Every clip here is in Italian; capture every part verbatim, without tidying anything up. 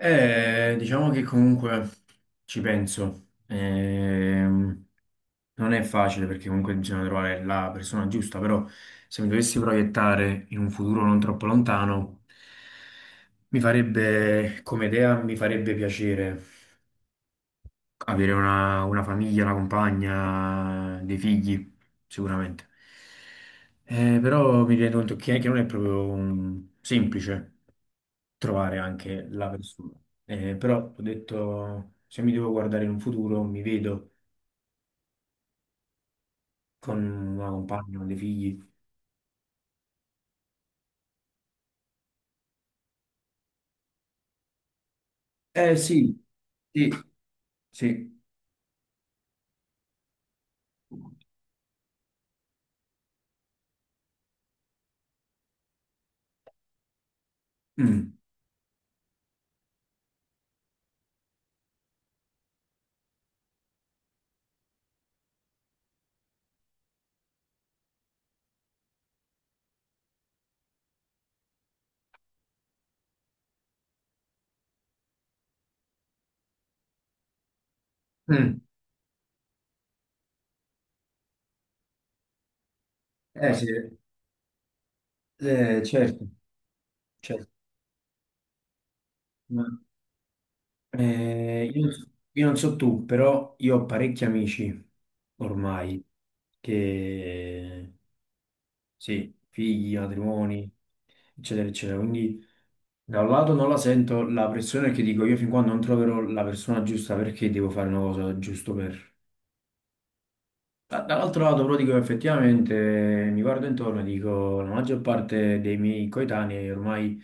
Eh, diciamo che comunque ci penso. Ehm, non è facile perché comunque bisogna trovare la persona giusta, però se mi dovessi proiettare in un futuro non troppo lontano, mi farebbe, come idea, mi farebbe piacere avere una, una famiglia, una compagna, dei figli, sicuramente. Eh, però mi rendo conto che che non è proprio mm, semplice trovare anche la persona. Eh, però ho detto, se mi devo guardare in un futuro, mi vedo con una compagna, con dei figli. Eh sì, sì, sì. Mm, mm. Eh sì, eh, certo, certo. Ma, eh, io, io non so tu, però io ho parecchi amici ormai che, sì, figli, matrimoni, eccetera, eccetera. Quindi da un lato non la sento la pressione, che dico io fin quando non troverò la persona giusta, perché devo fare una cosa giusto per... Da- Dall'altro lato però dico effettivamente mi guardo intorno e dico la maggior parte dei miei coetanei ormai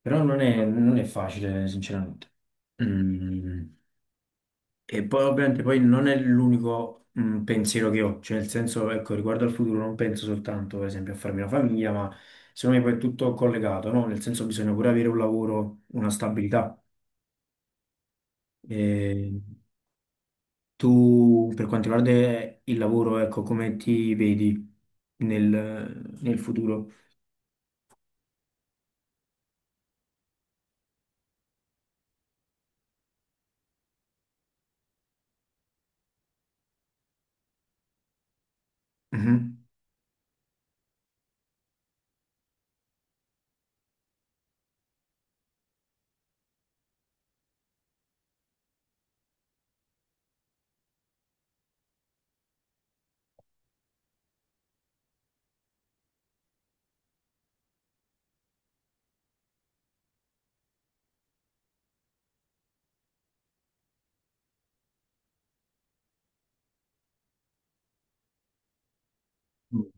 però non è, non è facile sinceramente. Mm. E poi ovviamente poi non è l'unico mm, pensiero che ho, cioè nel senso ecco riguardo al futuro non penso soltanto per esempio a farmi una famiglia, ma secondo me poi è tutto collegato, no? Nel senso bisogna pure avere un lavoro, una stabilità. Eh, tu, per quanto riguarda il lavoro, ecco, come ti vedi nel, nel futuro? Mhm. Mm.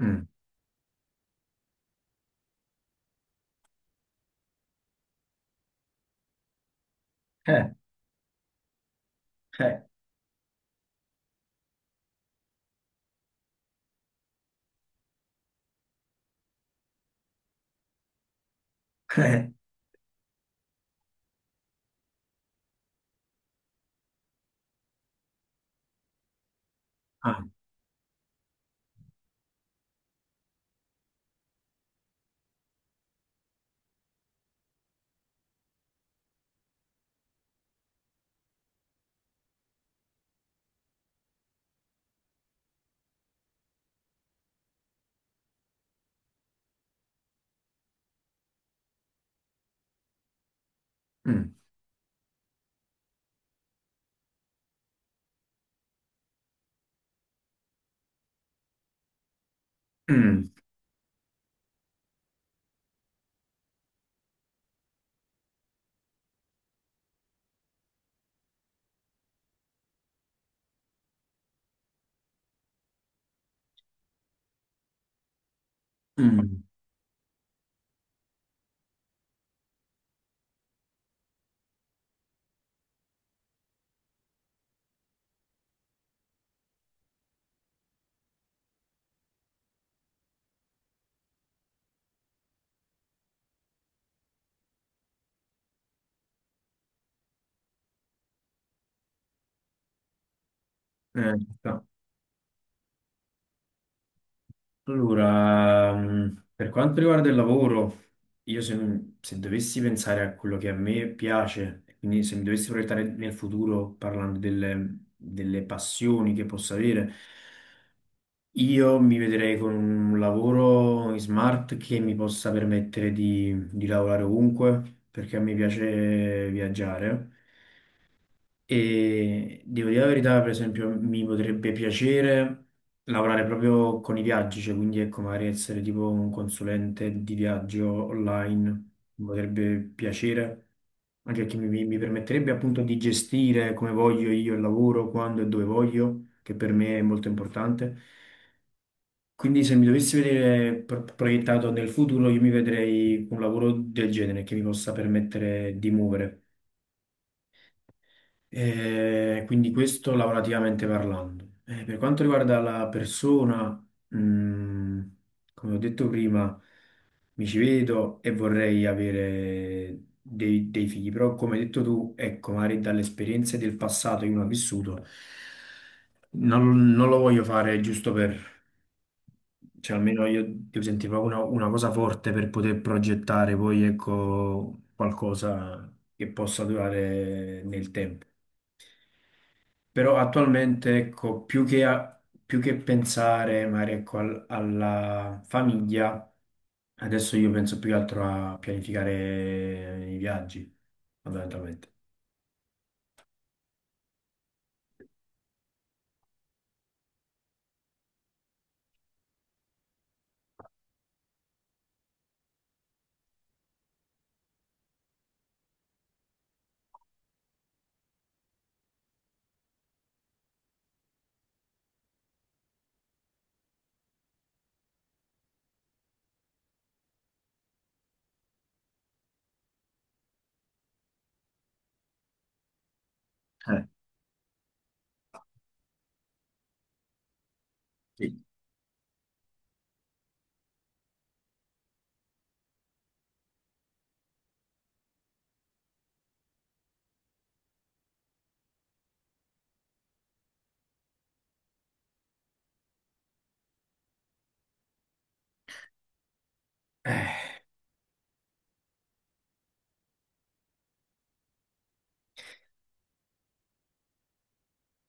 Mm. Eh, eh, eh. Ah, mm, mm, mm. Eh, no. Allora, mm, per quanto riguarda il lavoro, io se, se dovessi pensare a quello che a me piace, quindi se mi dovessi proiettare nel futuro parlando delle, delle passioni che posso avere, io mi vedrei con un lavoro in smart che mi possa permettere di, di lavorare ovunque, perché a me piace viaggiare. E devo dire la verità, per esempio, mi potrebbe piacere lavorare proprio con i viaggi, cioè quindi ecco, magari essere tipo un consulente di viaggio online, mi potrebbe piacere, anche perché mi, mi permetterebbe appunto di gestire come voglio io il lavoro, quando e dove voglio, che per me è molto importante. Quindi se mi dovessi vedere pro- proiettato nel futuro, io mi vedrei un lavoro del genere che mi possa permettere di muovere. Eh, quindi questo lavorativamente parlando. Eh, per quanto riguarda la persona, mm, come ho detto prima, mi ci vedo e vorrei avere dei, dei figli, però come hai detto tu, ecco, magari dalle esperienze del passato che uno ha vissuto, non, non lo voglio fare giusto per, cioè almeno io devo sentire proprio una, una cosa forte per poter progettare poi, ecco, qualcosa che possa durare nel tempo. Però attualmente, ecco, più che, a- più che pensare magari ecco, al- alla famiglia, adesso io penso più che altro a pianificare i viaggi, fondamentalmente. Eh, sì. Eh,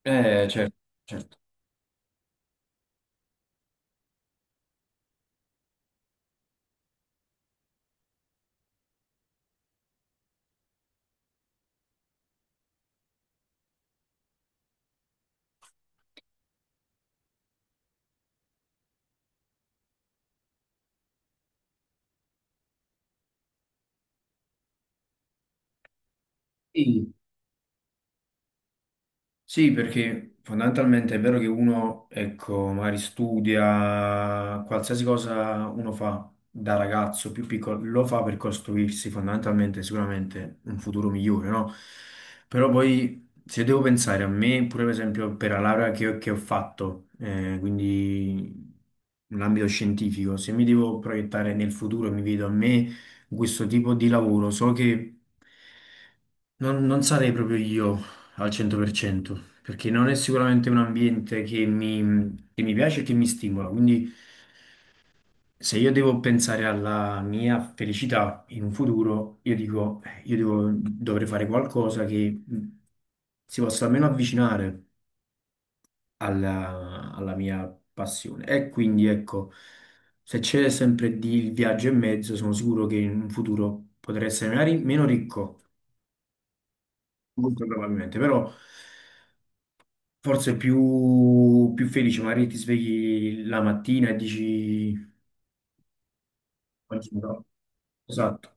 eh, certo, certo. Sì. Sì, perché fondamentalmente è vero che uno, ecco, magari studia, qualsiasi cosa uno fa da ragazzo più piccolo, lo fa per costruirsi fondamentalmente sicuramente un futuro migliore, no? Però poi se devo pensare a me, pure per esempio per la laurea che ho, che ho fatto, eh, quindi in ambito scientifico, se mi devo proiettare nel futuro e mi vedo a me in questo tipo di lavoro, so che non non sarei proprio io al cento per cento perché non è sicuramente un ambiente che mi, che mi piace e che mi stimola. Quindi, se io devo pensare alla mia felicità in un futuro, io dico, eh, io devo- dovrei fare qualcosa che mh, si possa almeno avvicinare alla, alla mia passione. E quindi, ecco, se c'è sempre di il viaggio in mezzo, sono sicuro che in un futuro potrei essere magari meno ricco, molto probabilmente, però. Forse più, più felice, magari ti svegli la mattina e dici... "Oggi no". Esatto,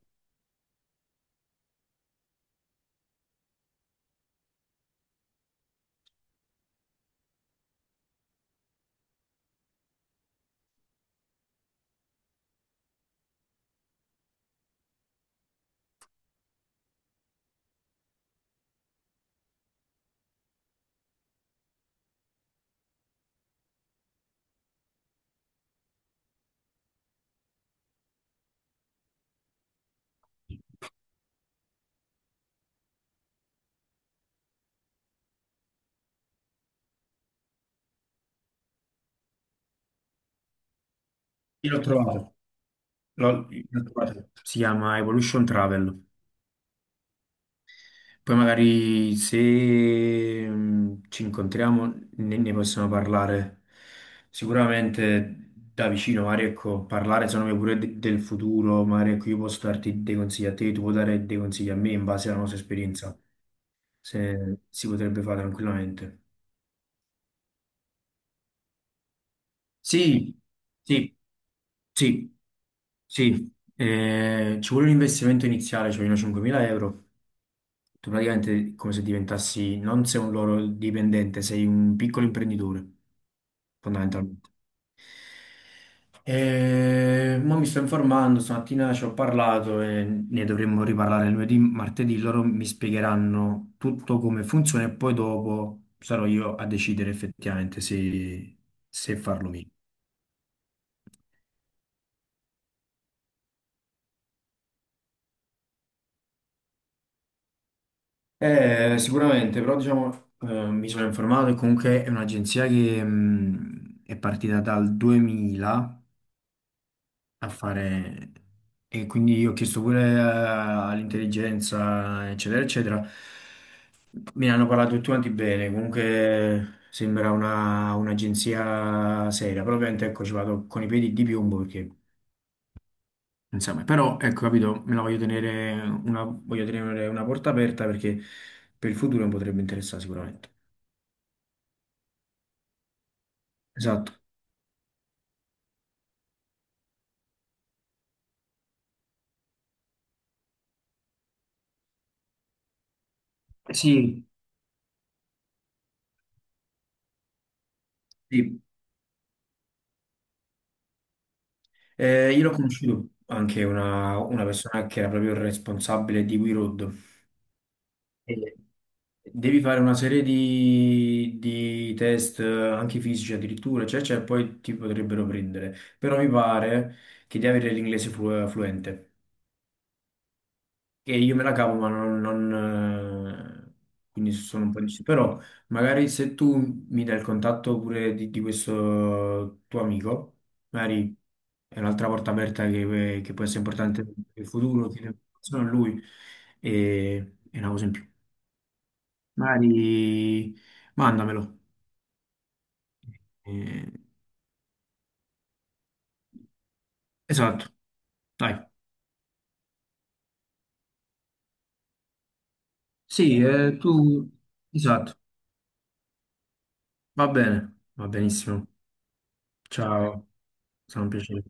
io l'ho trovato, l'ho l'ho trovato. Si chiama Evolution Travel. Poi magari se mm, ci incontriamo ne, ne possiamo parlare sicuramente da vicino, magari ecco, parlare secondo me pure de- del futuro, magari ecco, io posso darti dei consigli a te, tu puoi dare dei consigli a me in base alla nostra esperienza, se si potrebbe fare tranquillamente. Sì, sì. Sì, sì, eh, ci vuole un investimento iniziale, ci vogliono cinquemila euro. Tu praticamente è come se diventassi, non sei un loro dipendente, sei un piccolo imprenditore, fondamentalmente. E mo mi sto informando, stamattina ci ho parlato e ne dovremmo riparlare lunedì, martedì, loro mi spiegheranno tutto come funziona e poi dopo sarò io a decidere effettivamente se, se farlo mio. Eh, sicuramente, però diciamo, eh, mi sono informato e comunque è un'agenzia che mh, è partita dal duemila a fare, e quindi io ho chiesto pure eh, all'intelligenza, eccetera, eccetera. Me ne hanno parlato tutti quanti bene, comunque sembra una- un'agenzia seria, però ovviamente ecco, ci vado con i piedi di piombo perché, insomma, però ecco, capito, me la voglio tenere una, voglio tenere una porta aperta perché per il futuro mi potrebbe interessare sicuramente. Esatto. Sì, sì. Eh, io l'ho conosciuto anche una, una persona che era proprio il responsabile di We Road. E devi fare una serie di, di test, eh, anche fisici addirittura, eccetera, eccetera, e poi ti potrebbero prendere. Però mi pare che devi avere l'inglese flu- fluente. Che io me la cavo, ma non, non, eh, quindi sono un po' indeciso. Però magari se tu mi dai il contatto pure di, di questo tuo amico, magari è un'altra porta aperta che, che può essere importante per il futuro, chiedere informazioni a lui, e, è una cosa in più. Magari mandamelo. Eh, esatto, dai. Sì, eh, tu, esatto, va bene, va benissimo. Ciao, sarà un piacere.